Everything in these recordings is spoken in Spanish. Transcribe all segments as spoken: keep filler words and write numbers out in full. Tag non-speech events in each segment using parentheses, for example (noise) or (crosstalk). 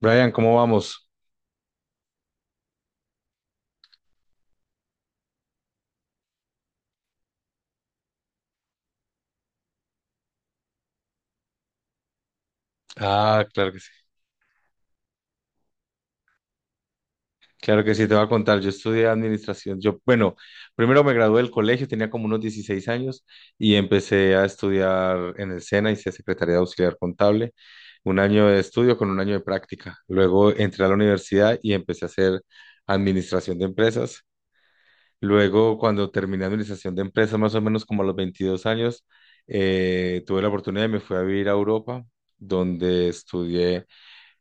Brian, ¿cómo vamos? Ah, claro que sí. Claro que sí, te voy a contar. Yo estudié administración. Yo, bueno, primero me gradué del colegio, tenía como unos dieciséis años y empecé a estudiar en el SENA, hice Secretaría de Auxiliar Contable, un año de estudio con un año de práctica. Luego entré a la universidad y empecé a hacer administración de empresas. Luego, cuando terminé administración de empresas, más o menos como a los veintidós años, eh, tuve la oportunidad y me fui a vivir a Europa, donde estudié.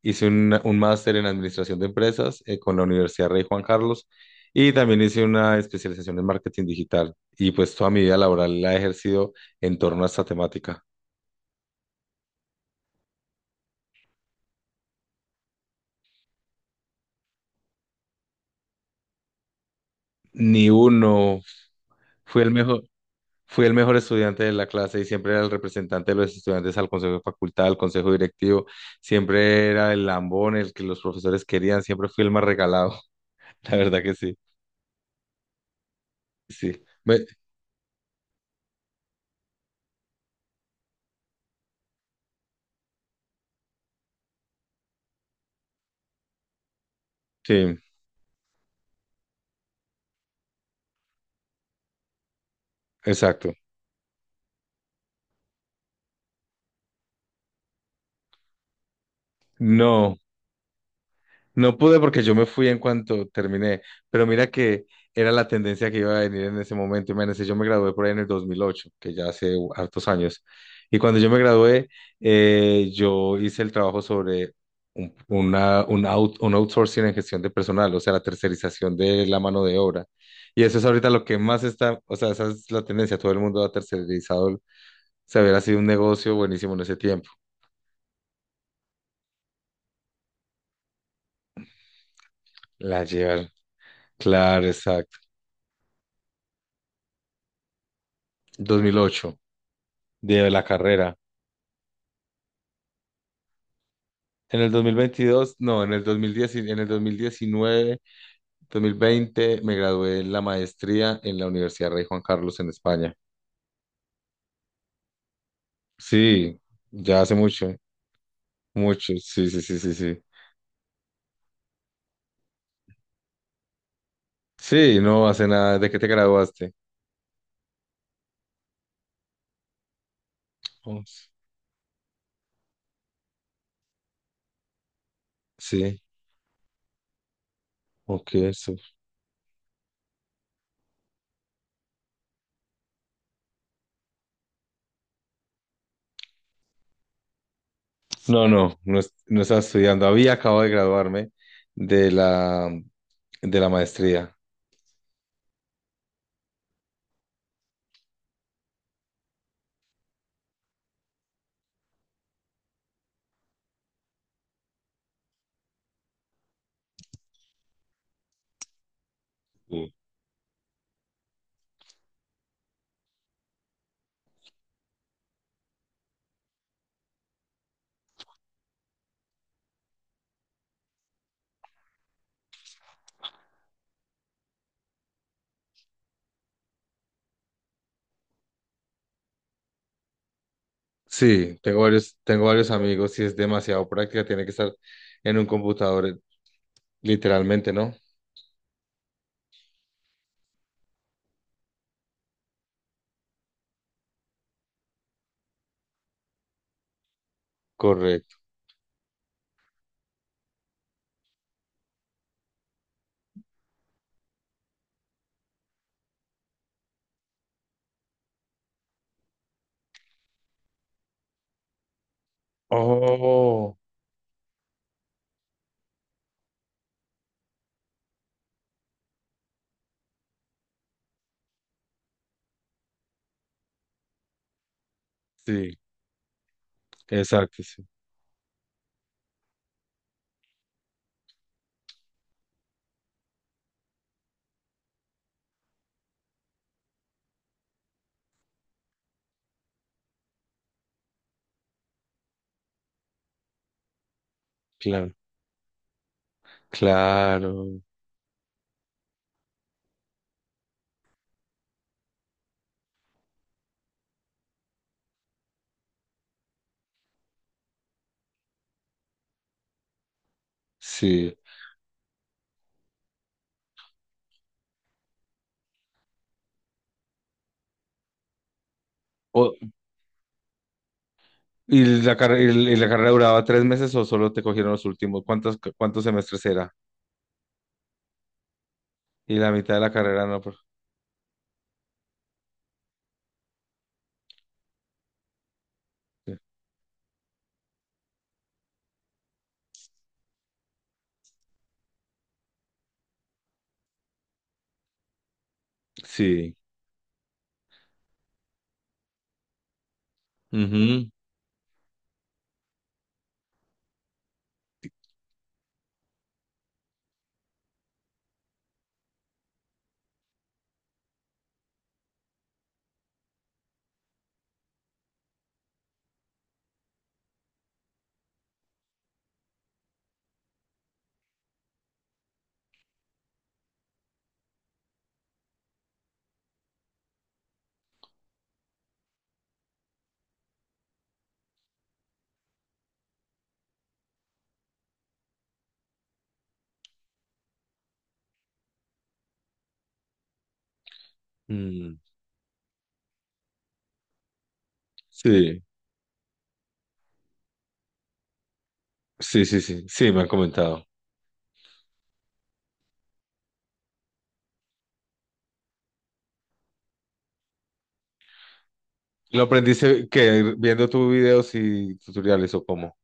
Hice un, un máster en administración de empresas eh, con la Universidad Rey Juan Carlos y también hice una especialización en marketing digital. Y pues toda mi vida laboral la he ejercido en torno a esta temática. Ni uno. Fui el mejor, fui el mejor estudiante de la clase y siempre era el representante de los estudiantes al consejo de facultad, al consejo directivo. Siempre era el lambón, el que los profesores querían. Siempre fui el más regalado. (laughs) La verdad que sí. Sí. Me- sí, exacto. No. No pude porque yo me fui en cuanto terminé, pero mira que era la tendencia que iba a venir en ese momento. Imagínense, yo me gradué por ahí en el dos mil ocho, que ya hace u- hartos años. Y cuando yo me gradué, eh, yo hice el trabajo sobre un, una- un, out- un outsourcing en gestión de personal, o sea, la tercerización de la mano de obra. Y eso es ahorita lo que más está, o sea, esa es la tendencia. Todo el mundo ha tercerizado. Se sea, hubiera sido un negocio buenísimo en ese tiempo. La llevan. Claro, exacto. Dos mil ocho de la carrera. En el dos mil veintidós, no, en el dos mil diez, en el dos dos mil diecinueve, dos mil veinte, me gradué en la maestría en la Universidad Rey Juan Carlos en España. Sí, ya hace mucho, mucho, sí, sí, sí, sí, sí. Sí, no hace nada, ¿de qué te graduaste? Oh, sí, ok, eso. No, no, no, es- no estaba estudiando, había acabado de graduarme de la, de la maestría. Sí, sí, tengo varios, tengo varios amigos y es demasiado práctica, tiene que estar en un computador, literalmente, ¿no? Correcto. Oh, sí, exacto, sí. Claro, claro, sí. O- ¿Y la, carre- y la carrera duraba tres meses o solo te cogieron los últimos? ¿Cuántos, cuántos semestres era? Y la mitad de la carrera no. por- Sí. Ujú. Mm. Sí, sí, sí, sí. Sí, me han comentado. ¿Lo aprendiste que viendo tus videos y tutoriales o cómo?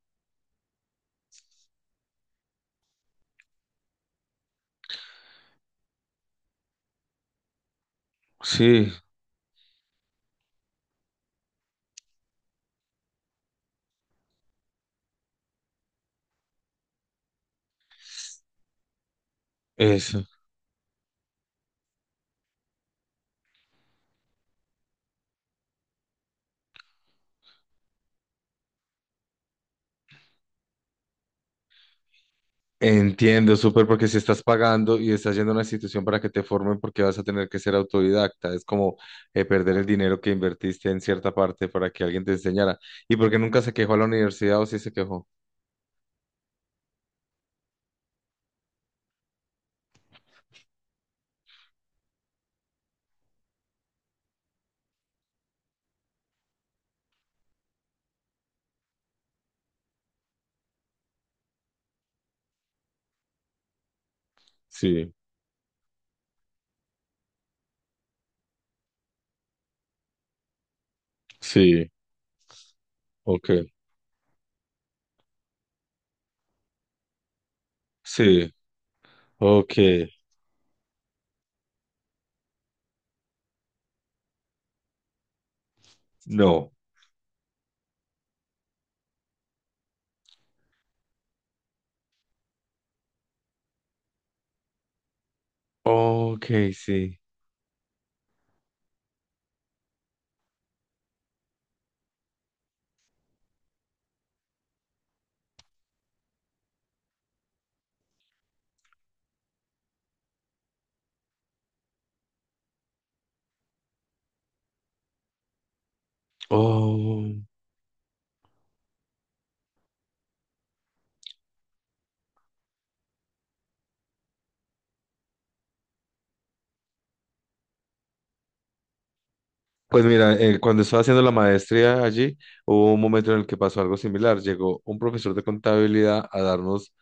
Sí, eso. Entiendo, súper, porque si estás pagando y estás yendo a una institución para que te formen, porque vas a tener que ser autodidacta. Es como eh, perder el dinero que invertiste en cierta parte para que alguien te enseñara. ¿Y porque nunca se quejó a la universidad o sí se quejó? Sí, sí, ok. Sí, ok, no, ok, sí. Oh. Pues mira, eh, cuando estaba haciendo la maestría allí, hubo un momento en el que pasó algo similar. Llegó un profesor de contabilidad a darnos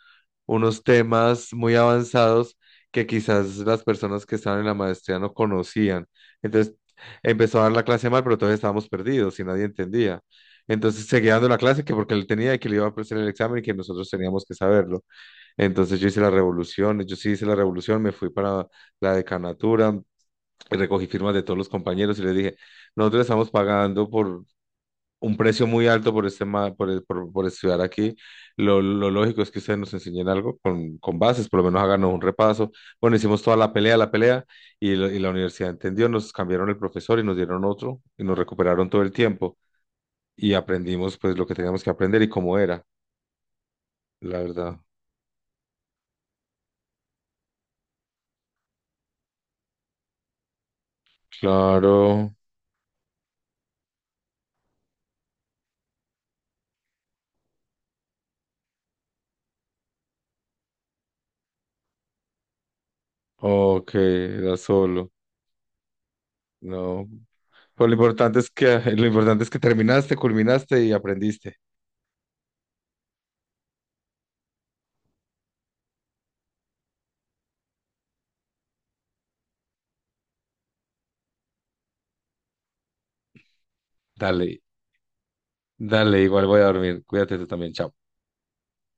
unos temas muy avanzados que quizás las personas que estaban en la maestría no conocían. Entonces empezó a dar la clase mal, pero todos estábamos perdidos y nadie entendía. Entonces seguía dando la clase que porque él tenía y que le iba a presentar el examen y que nosotros teníamos que saberlo. Entonces yo hice la revolución, yo sí hice la revolución, me fui para la decanatura, recogí firmas de todos los compañeros y les dije, nosotros estamos pagando por un precio muy alto por, este, ma- por, el- por, por estudiar aquí. Lo, lo lógico es que ustedes nos enseñen algo con, con bases, por lo menos háganos un repaso. Bueno, hicimos toda la pelea, la pelea, y, lo- y la universidad entendió, nos cambiaron el profesor y nos dieron otro, y nos recuperaron todo el tiempo, y aprendimos pues lo que teníamos que aprender y cómo era, la verdad. Claro, ok, era solo, no. Pero lo importante es que, (laughs) lo importante es que terminaste, culminaste y aprendiste. Dale, dale, igual voy a dormir. Cuídate tú también, chao.